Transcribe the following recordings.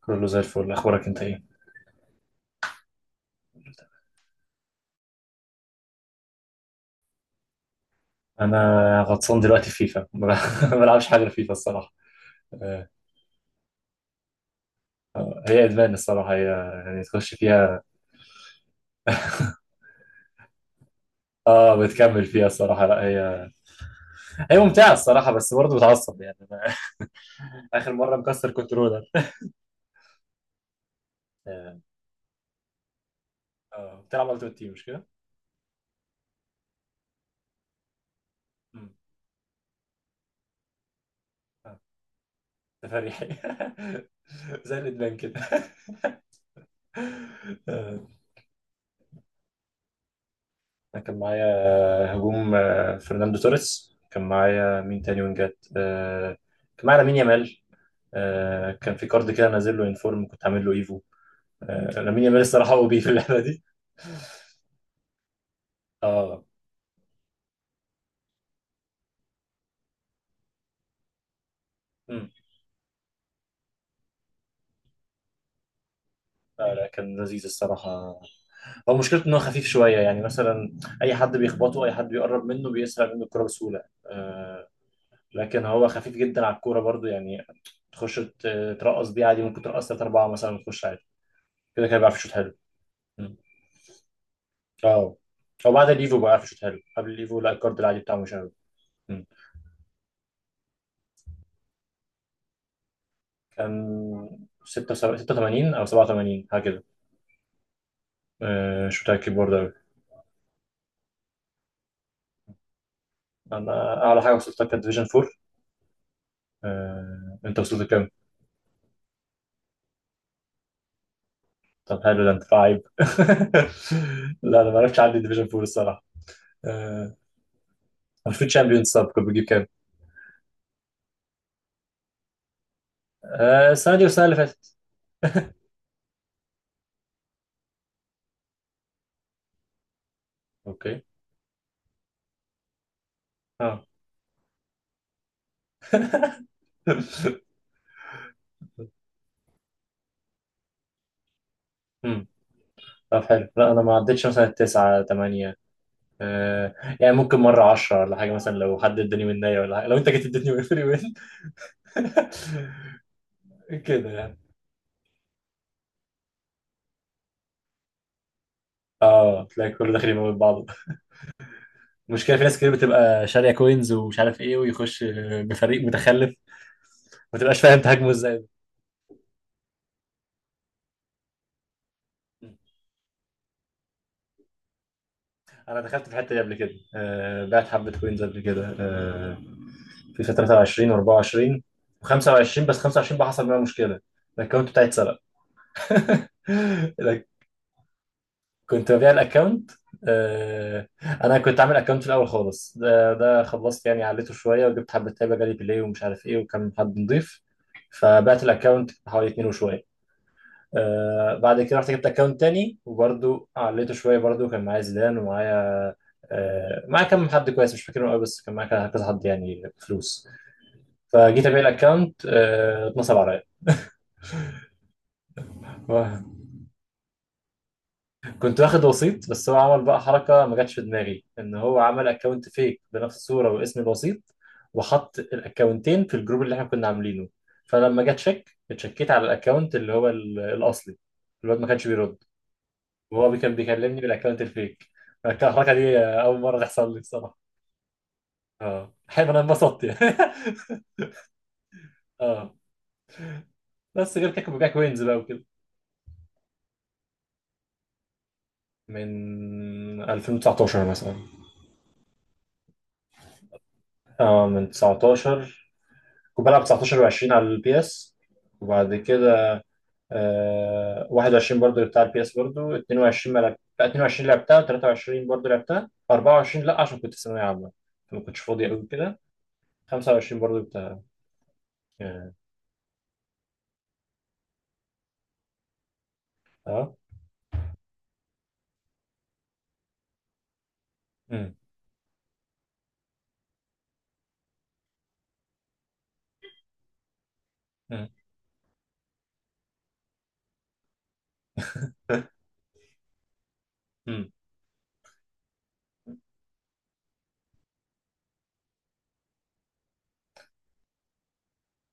كله زي الفل، اخبارك انت ايه؟ انا غطسان دلوقتي في فيفا. ما بلعبش حاجه في فيفا الصراحه. آه، هي ادمان الصراحه هي، يعني تخش فيها. اه، بتكمل فيها الصراحه لا. هي هي ممتعه الصراحه، بس برضه بتعصب يعني أنا. اخر مره مكسر كنترولر. اه. بتلعب التيمت تيم مش كده؟ مم. آه، تفريحي. زي الادمان كده. آه، أنا كان معايا هجوم. فرناندو توريس. كان معايا مين تاني وينجات؟ كان معايا لامين يامال. كان في كارد كده نازل له انفورم، كنت عامل له ايفو. لامين يامال الصراحه هو بيه في اللعبه دي. اه. مم. لا لا، كان لذيذ الصراحه. هو مشكلته ان هو خفيف شويه، يعني مثلا اي حد بيخبطه، اي حد بيقرب منه بيسرق منه الكوره بسهوله. لكن هو خفيف جدا على الكوره برضو، يعني تخش ترقص بيه عادي، ممكن ترقص ثلاث اربعه مثلا وتخش عادي. كده كده بيعرف يشوط حلو. مم. اه، هو بعد الايفو بقى بيعرف يشوط حلو، قبل الايفو لا، الكارد العادي بتاعه مش حلو. كان 86 أو 87 حاجة كده. مش متأكد برضه أوي. أنا أعلى حاجة وصلتها كانت ديفيجن 4. أنت وصلت لكام؟ طب حلو، ده أنت لعيب. لا أنا ما عرفتش، عندي ديفيجن 4 الصراحة. آه، المفروض شامبيونز سب كنت بجيب كام؟ السنة دي والسنة اللي فاتت. أوكي. أه. مم. طب حلو. لا أنا ما عدتش مثلا تسعة تمانية. يعني ممكن مرة عشرة ولا حاجة مثلا، لو حد اداني مناية ولا حاجة، لو أنت جيت اديتني فري وين. كده يعني. اه، تلاقي كله داخل يموت بعضه. المشكله في ناس كتير بتبقى شاريه كوينز ومش عارف ايه ويخش بفريق متخلف، ما تبقاش فاهم تهاجمه ازاي. انا دخلت في الحته دي قبل كده، بعت حبه كوينز قبل كده، في فتره 23 و24 و25. بس 25 بقى حصل بقى مشكله، الاكونت بتاعي اتسرق. كنت ببيع الاكونت. آه، انا كنت عامل اكونت في الاول خالص، ده خلصت يعني عليته شويه وجبت حبه تابه جالي بلاي ومش عارف ايه، وكان حد نضيف، فبعت الاكونت حوالي اتنين وشويه. بعد كده رحت جبت اكونت تاني وبرده عليته شويه برده، كان معايا زيدان ومعايا، معايا كم حد كويس مش فاكرهم قوي، بس كان معايا كذا حد يعني فلوس. فجيت ابيع الاكونت، اتنصب عليا. كنت واخد وسيط، بس هو عمل بقى حركة ما جاتش في دماغي، ان هو عمل اكونت فيك بنفس الصورة واسم الوسيط، وحط الاكونتين في الجروب اللي احنا كنا عاملينه. فلما جه تشيك اتشكيت على الاكونت اللي هو الاصلي، الواد ما كانش بيرد، وهو كان بيكلمني بالاكونت الفيك. كان الحركة دي اول مرة تحصل لي بصراحة. اه حلو، انا انبسطت يعني. اه، بس غير كده كنت ببيع كوينز بقى وكده. من 2019 مثلا. اه، من 19، كنت بلعب 19 و20 على البي اس، وبعد كده 21 برضو بتاع البي اس برضو، 22 ما لعب... لا، 22 لعبتها، و23 برضو لعبتها، 24 لا عشان كنت في ثانوية عامة، فما كنتش فاضي قوي كده. 25 برضو بتاع. اه. آه. مم. مم. مم.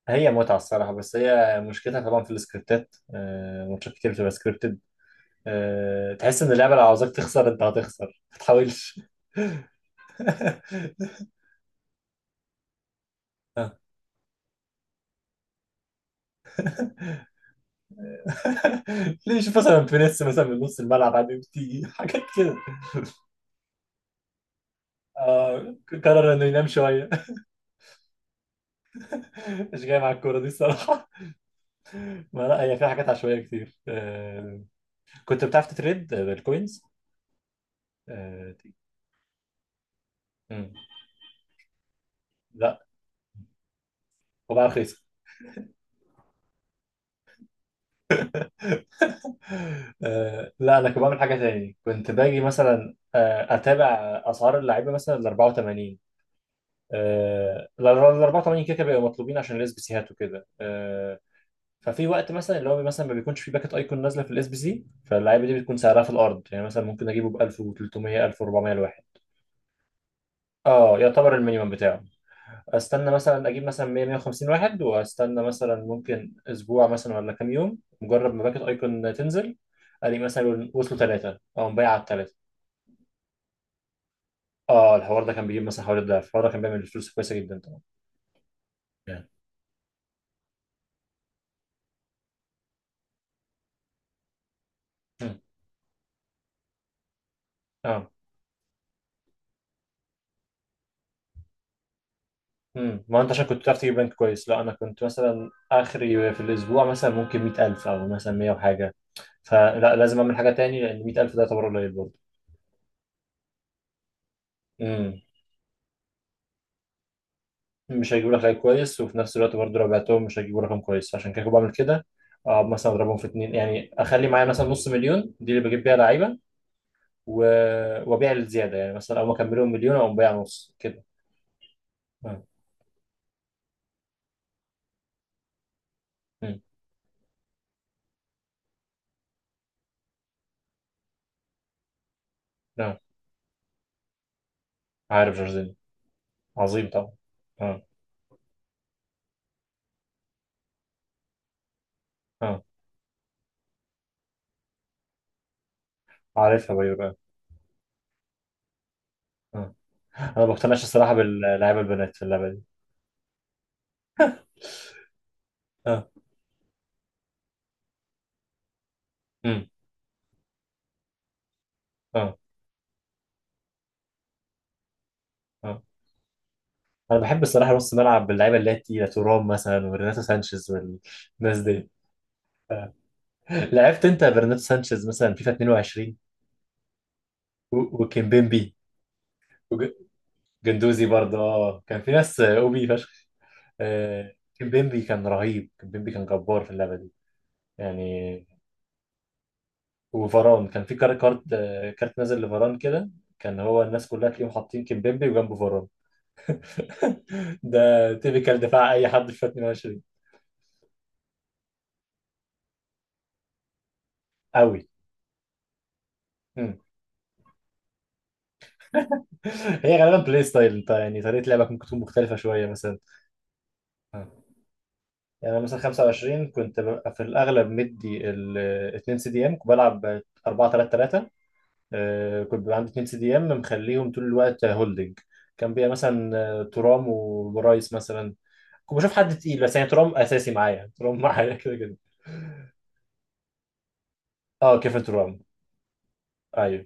هي متعة الصراحة، بس هي مشكلتها طبعا في السكريبتات، ماتشات كتير بتبقى سكريبتد. تحس إن اللعبة لو عاوزاك تخسر أنت هتخسر، ما تحاولش. آه. ليه؟ شوف مثلا فينيس مثلا من نص الملعب عادي بتيجي حاجات كده. آه قرر انه ينام شويه. مش جاي مع الكوره دي الصراحه. ما لا، هي فيها حاجات عشوائيه كتير. آه. كنت بتعرف تتريد بالكوينز؟ آه مم. لا. وبقى رخيصه. لا، انا كنت بعمل حاجه تاني، كنت باجي مثلا اتابع اسعار اللعيبه مثلا ال 84. ال 84 كده كده بيبقوا مطلوبين عشان الاسبيسيهات وكده. آه. ففي وقت مثلا اللي هو مثلا ما بيكونش في باكت ايكون نازله في الاس بي سي، فاللعيبه دي بتكون سعرها في الارض، يعني مثلا ممكن اجيبه ب 1300 1400 الواحد. اه، يعتبر المينيمم بتاعه. استنى مثلا اجيب مثلا 100 150 واحد، واستنى مثلا ممكن اسبوع مثلا ولا كام يوم، مجرد ما باكت ايكون تنزل، الاقي مثلا وصلوا ثلاثه، او مبيع على الثلاثه. اه، الحوار ده كان بيجيب مثلا حوالي الضعف، الحوار ده كان بيعمل فلوس كويسه جدا طبعا. يعني. مم. اه. امم. ما انت عشان كنت بتعرف تجيب رانك كويس. لا، انا كنت مثلا اخري في الاسبوع مثلا ممكن 100000 او مثلا 100 وحاجه، فلا لازم اعمل حاجه تاني، لان 100000 ده يعتبر قليل برضه. امم، مش هيجيبوا لك رانك كويس، وفي نفس الوقت برضه لو بعتهم مش هيجيبوا رقم كويس، عشان كده كنت بعمل كده. اه، مثلا اضربهم في اتنين، يعني اخلي معايا مثلا نص مليون دي اللي بجيب بيها لعيبه. و... وابيع الزياده، يعني مثلا اول ما اكملهم مليون اقوم بايع نص كده. امم. امم. آه. عارف جورجينيو؟ عظيم طبعا. اه اه، عارفها بايو. اه، انا ما بقتنعش الصراحه باللعيبه البنات في اللعبه دي. اه. امم. اه اه، انا بحب الصراحه نص ملعب باللعيبه اللي هي التقيله، تورام مثلا وبرناتو سانشيز والناس دي. آه. لعبت انت برناتو سانشيز مثلا فيفا 22؟ وكيمبيمبي وجندوزي برضه، اه كان في ناس اوبي فشخ. آه. كيمبيمبي كان رهيب، كيمبيمبي كان جبار في اللعبه دي يعني. وفاران كان في كارت، كارت نازل لفاران كده. كان هو الناس كلها تلاقيهم حاطين كيمبيمبي وجنبه فاران. ده تيبيكال دفاع اي حد في 22. قوي. مم. هي غالبا بلاي ستايل انت، يعني طريقه لعبك ممكن تكون مختلفه شويه مثلا. آه. يعني انا مثلا 25 كنت ببقى في الاغلب مدي ال 2 سي دي ام، كنت بلعب 4 3 3. كنت بيبقى عندي 2 سي دي ام مخليهم طول الوقت هولدنج، كان بيبقى مثلا ترام وبرايس مثلا. كنت بشوف حد تقيل، بس يعني ترام اساسي معايا، ترام معايا كده كده. اه كيفن ترام. ايوه.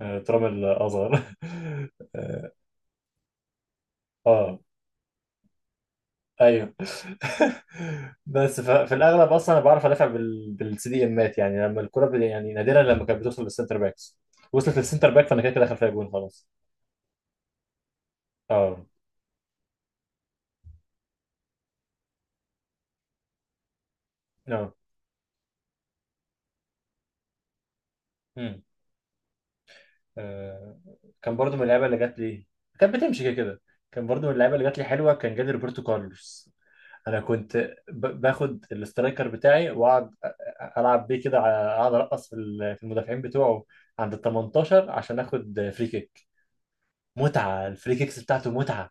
ترام الاصغر. اه ايوه. بس في الاغلب اصلا انا بعرف ادافع بالسي دي امات، يعني لما الكره يعني نادرا لما كانت بتوصل للسنتر باكس، وصلت للسنتر باك، فانا كده كده دخل فيها جون خلاص. اه. اه. امم. آه، كان برضو من اللعيبه اللي جات لي، كانت بتمشي كده كده. كان برضو من اللعيبه اللي جات لي حلوه، كان جالي روبرتو كارلوس. انا كنت باخد الاسترايكر بتاعي واقعد العب بيه كده اقعد ارقص في في المدافعين بتوعه عند ال 18 عشان اخد فري كيك. متعه الفري كيكس بتاعته متعه.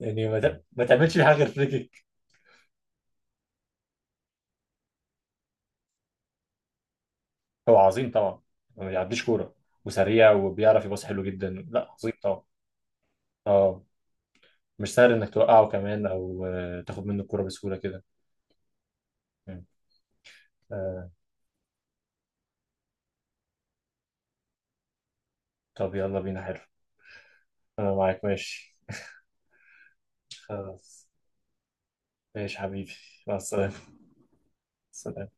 يعني ما تعملش فيه حاجه غير فري كيك. هو عظيم طبعا، ما بيعديش كوره، وسريع وبيعرف يباص حلو جدا. لا عظيم طبعا. اه، مش سهل انك توقعه كمان، او تاخد منه الكوره بسهوله كده. مم. آه. طب يلا بينا، حلو. انا معاك ماشي. خلاص ماشي حبيبي. مع السلامه. سلام.